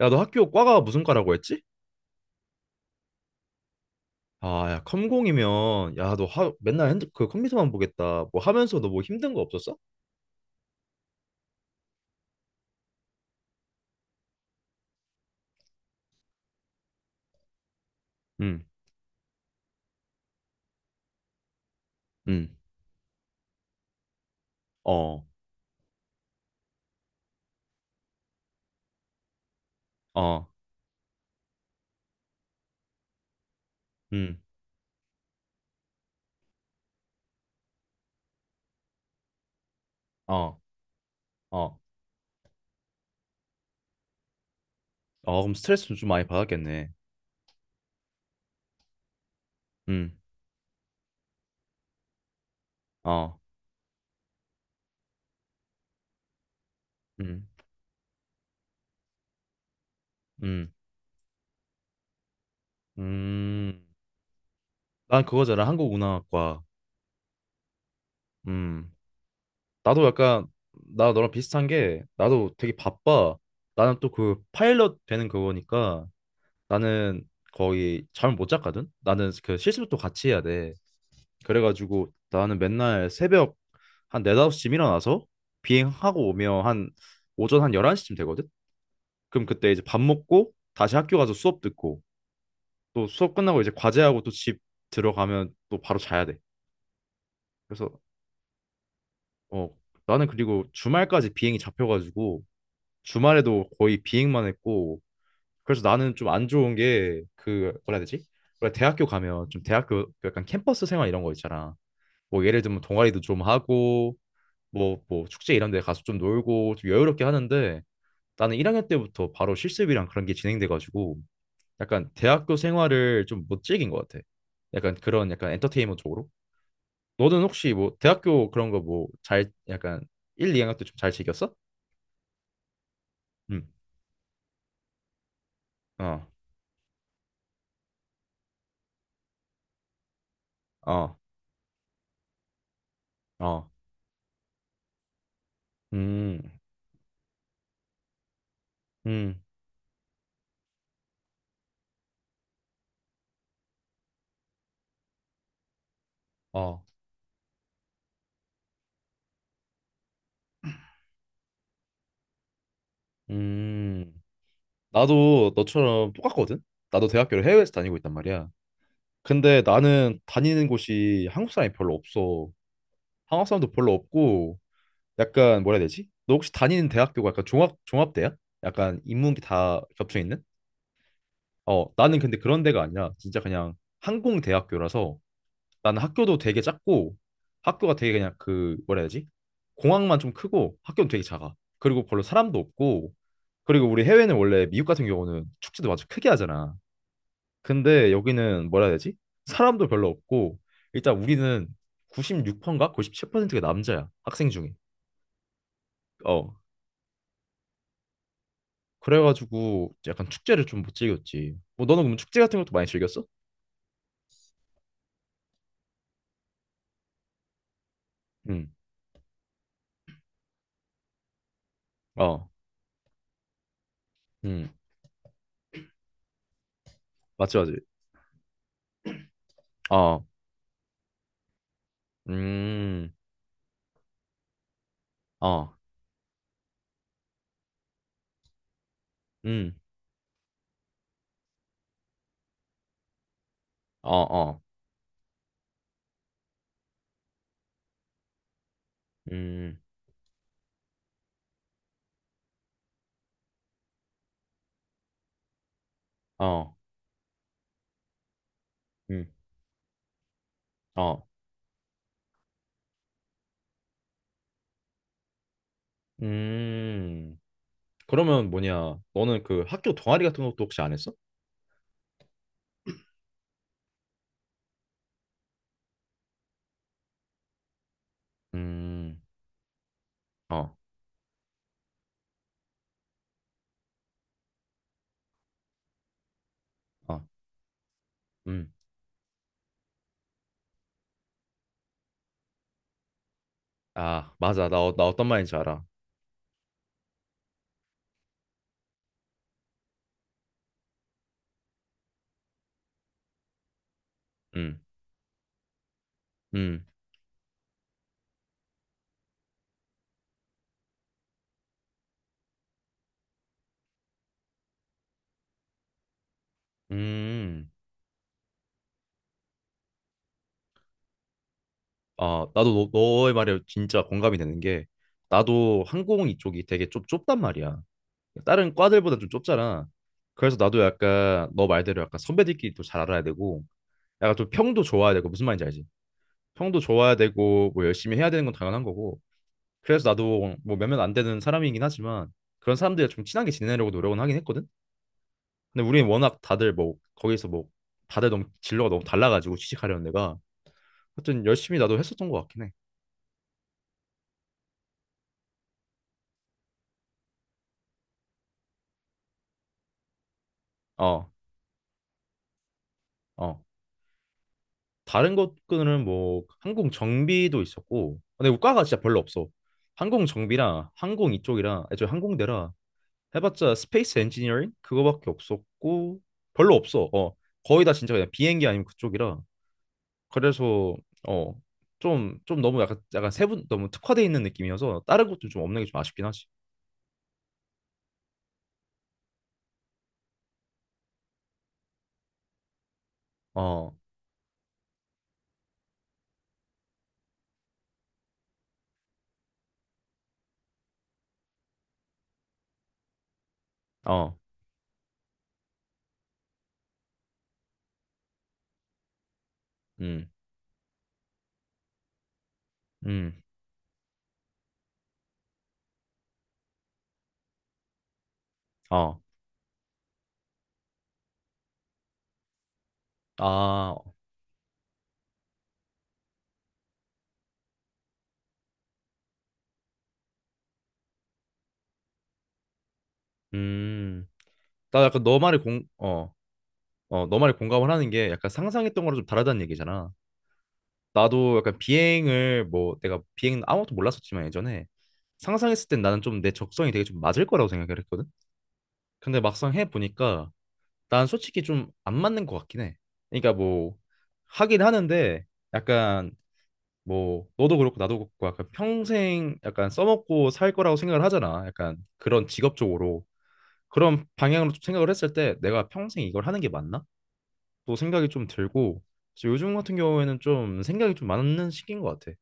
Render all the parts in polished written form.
야, 너 학교 과가 무슨 과라고 했지? 아, 야, 컴공이면 야, 너 맨날 그 컴퓨터만 보겠다. 뭐 하면서 너 뭐 힘든 거 없었어? 응, 응, 어, 어, 응, 어, 어, 어, 그럼 스트레스 좀 많이 받았겠네. 응, 어, 응, 응, 음, 난 그거잖아, 한국운항학과. 음, 나도 약간 나 너랑 비슷한 게 나도 되게 바빠. 나는 또 그 파일럿 되는 그거니까 나는 거의 잠을 못 잤거든. 나는 그 실습도 같이 해야 돼. 그래가지고 나는 맨날 새벽 한 4, 5시쯤 일어나서 비행하고 오면 한 오전 한 11시쯤 되거든? 그럼 그때 이제 밥 먹고 다시 학교 가서 수업 듣고 또 수업 끝나고 이제 과제하고 또 집 들어가면 또 바로 자야 돼. 그래서 어 나는 그리고 주말까지 비행이 잡혀가지고 주말에도 거의 비행만 했고 그래서 나는 좀 안 좋은 게 그 뭐라 해야 되지? 원래 대학교 가면 좀 대학교 약간 캠퍼스 생활 이런 거 있잖아. 뭐 예를 들면 동아리도 좀 하고 뭐 축제 이런 데 가서 좀 놀고 좀 여유롭게 하는데 나는 1학년 때부터 바로 실습이랑 그런 게 진행돼가지고 약간 대학교 생활을 좀 못 즐긴 것 같아. 약간 그런 약간 엔터테인먼트 쪽으로. 너는 혹시 뭐 대학교 그런 거 뭐 잘 약간 1, 2학년 때 좀 잘 즐겼어? 응. 어. 어. 어. 음. 음. 어. 음. 나도 너처럼 똑같거든. 나도 대학교를 해외에서 다니고 있단 말이야. 근데 나는 다니는 곳이 한국 사람이 별로 없어. 한국 사람도 별로 없고 약간 뭐라 해야 되지? 너 혹시 다니는 대학교가 약간 종합대야? 약간 인문비 다 겹쳐 있는? 어, 나는 근데 그런 데가 아니라 진짜 그냥 항공 대학교라서 나는 학교도 되게 작고 학교가 되게 그냥 그 뭐라 해야 되지? 공항만 좀 크고 학교는 되게 작아. 그리고 별로 사람도 없고 그리고 우리 해외는 원래 미국 같은 경우는 축제도 아주 크게 하잖아. 근데 여기는 뭐라 해야 되지? 사람도 별로 없고 일단 우리는 96%인가 97%가 남자야 학생 중에. 어 그래가지고 약간 축제를 좀 못 즐겼지. 뭐 너는 그럼 축제 같은 것도 많이 즐겼어? 응. 어. 응. 맞지, 맞지. 어. 음. 어. 음. 어, 어. 음. 어. 음. 어. 음. 그러면 뭐냐? 너는 그 학교 동아리 같은 것도 혹시 안 했어? 음. 어. 어. 음. 아, 맞아. 나 어떤 말인지 알아. 음. 음. 음. 아, 나도 너의 말에 진짜 공감이 되는 게 나도 항공 이쪽이 되게 좀 좁단 말이야. 다른 과들보다 좀 좁잖아. 그래서 나도 약간 너 말대로 약간 선배들끼리 또 잘 알아야 되고 약간 좀 평도 좋아야 되고 무슨 말인지 알지? 평도 좋아야 되고 뭐 열심히 해야 되는 건 당연한 거고 그래서 나도 뭐 몇몇 안 되는 사람이긴 하지만 그런 사람들이랑 좀 친하게 지내려고 노력은 하긴 했거든. 근데 우리는 워낙 다들 뭐 거기서 뭐 다들 너무 진로가 너무 달라가지고 취직하려는 데가 하여튼 열심히 나도 했었던 것 같긴 해. 어, 어. 다른 것들은 뭐 항공 정비도 있었고 근데 우과가 진짜 별로 없어. 항공 정비랑 항공 이쪽이랑 저 항공대라 해봤자 스페이스 엔지니어링 그거밖에 없었고 별로 없어. 거의 다 진짜 그냥 비행기 아니면 그쪽이라 그래서 어 좀 너무 약간 세분 너무 특화돼 있는 느낌이어서 다른 것도 좀 없는 게 좀 아쉽긴 하지. 어어음음어아음 나 약간 너 말이 공어 어, 너 말에 공감을 하는 게 약간 상상했던 거랑 좀 다르다는 얘기잖아. 나도 약간 비행을 뭐 내가 비행 아무것도 몰랐었지만 예전에 상상했을 땐 나는 좀 내 적성이 되게 좀 맞을 거라고 생각을 했거든. 근데 막상 해 보니까 난 솔직히 좀 안 맞는 것 같긴 해. 그러니까 뭐 하긴 하는데 약간 뭐 너도 그렇고 나도 그렇고 약간 평생 약간 써먹고 살 거라고 생각을 하잖아. 약간 그런 직업적으로 그런 방향으로 좀 생각을 했을 때 내가 평생 이걸 하는 게 맞나? 또 생각이 좀 들고 그래서 요즘 같은 경우에는 좀 생각이 좀 많은 시기인 것 같아.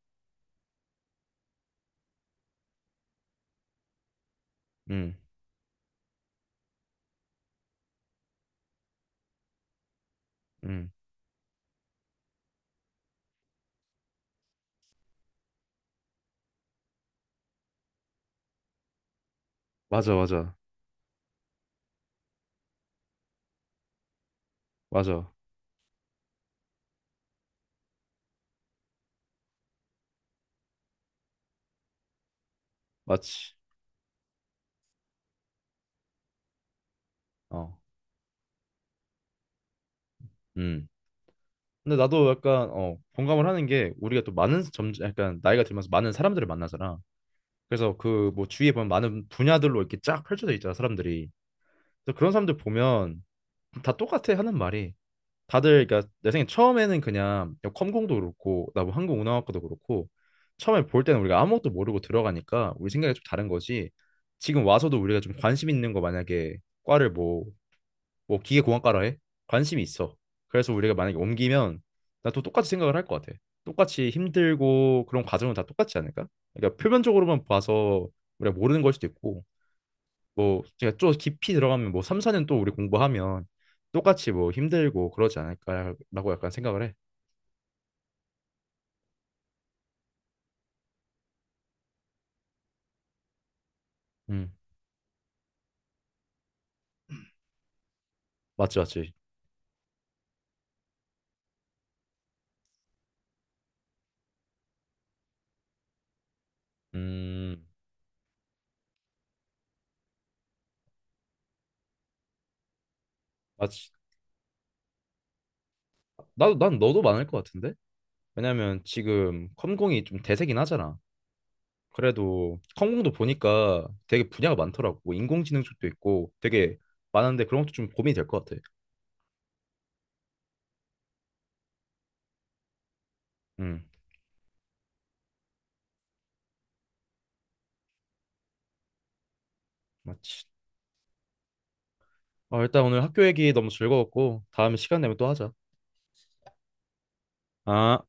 음, 음, 맞아, 맞아, 맞아, 맞지. 어, 음. 근데 나도 약간 공감을 하는 게 우리가 또 많은 점 약간 나이가 들면서 많은 사람들을 만나잖아. 그래서 그 뭐 주위에 보면 많은 분야들로 이렇게 쫙 펼쳐져 있잖아 사람들이. 그래서 그런 사람들 보면 다 똑같아 하는 말이, 다들 그러니까 내 생각엔 처음에는 그냥 컴공도 그렇고 나뭐 항공운항학과도 그렇고 처음에 볼 때는 우리가 아무것도 모르고 들어가니까 우리 생각이 좀 다른 거지. 지금 와서도 우리가 좀 관심 있는 거 만약에 과를 뭐 기계공학과라 해. 관심이 있어. 그래서 우리가 만약에 옮기면 나 또 똑같이 생각을 할 것 같아. 똑같이 힘들고 그런 과정은 다 똑같지 않을까. 그러니까 표면적으로만 봐서 우리가 모르는 걸 수도 있고 뭐 그러니까 좀 깊이 들어가면 뭐 3, 4년 또 우리 공부하면 똑같이 뭐 힘들고 그러지 않을까라고 약간 생각을 해. 음, 맞지, 맞지. 음, 맞지. 나도 난 너도 많을 것 같은데? 왜냐면 지금 컴공이 좀 대세긴 하잖아. 그래도 컴공도 보니까 되게 분야가 많더라고. 뭐 인공지능 쪽도 있고 되게 많은데 그런 것도 좀 고민이 될 것 같아. 음, 맞지. 어, 일단 오늘 학교 얘기 너무 즐거웠고 다음에 시간 되면 또 하자. 아.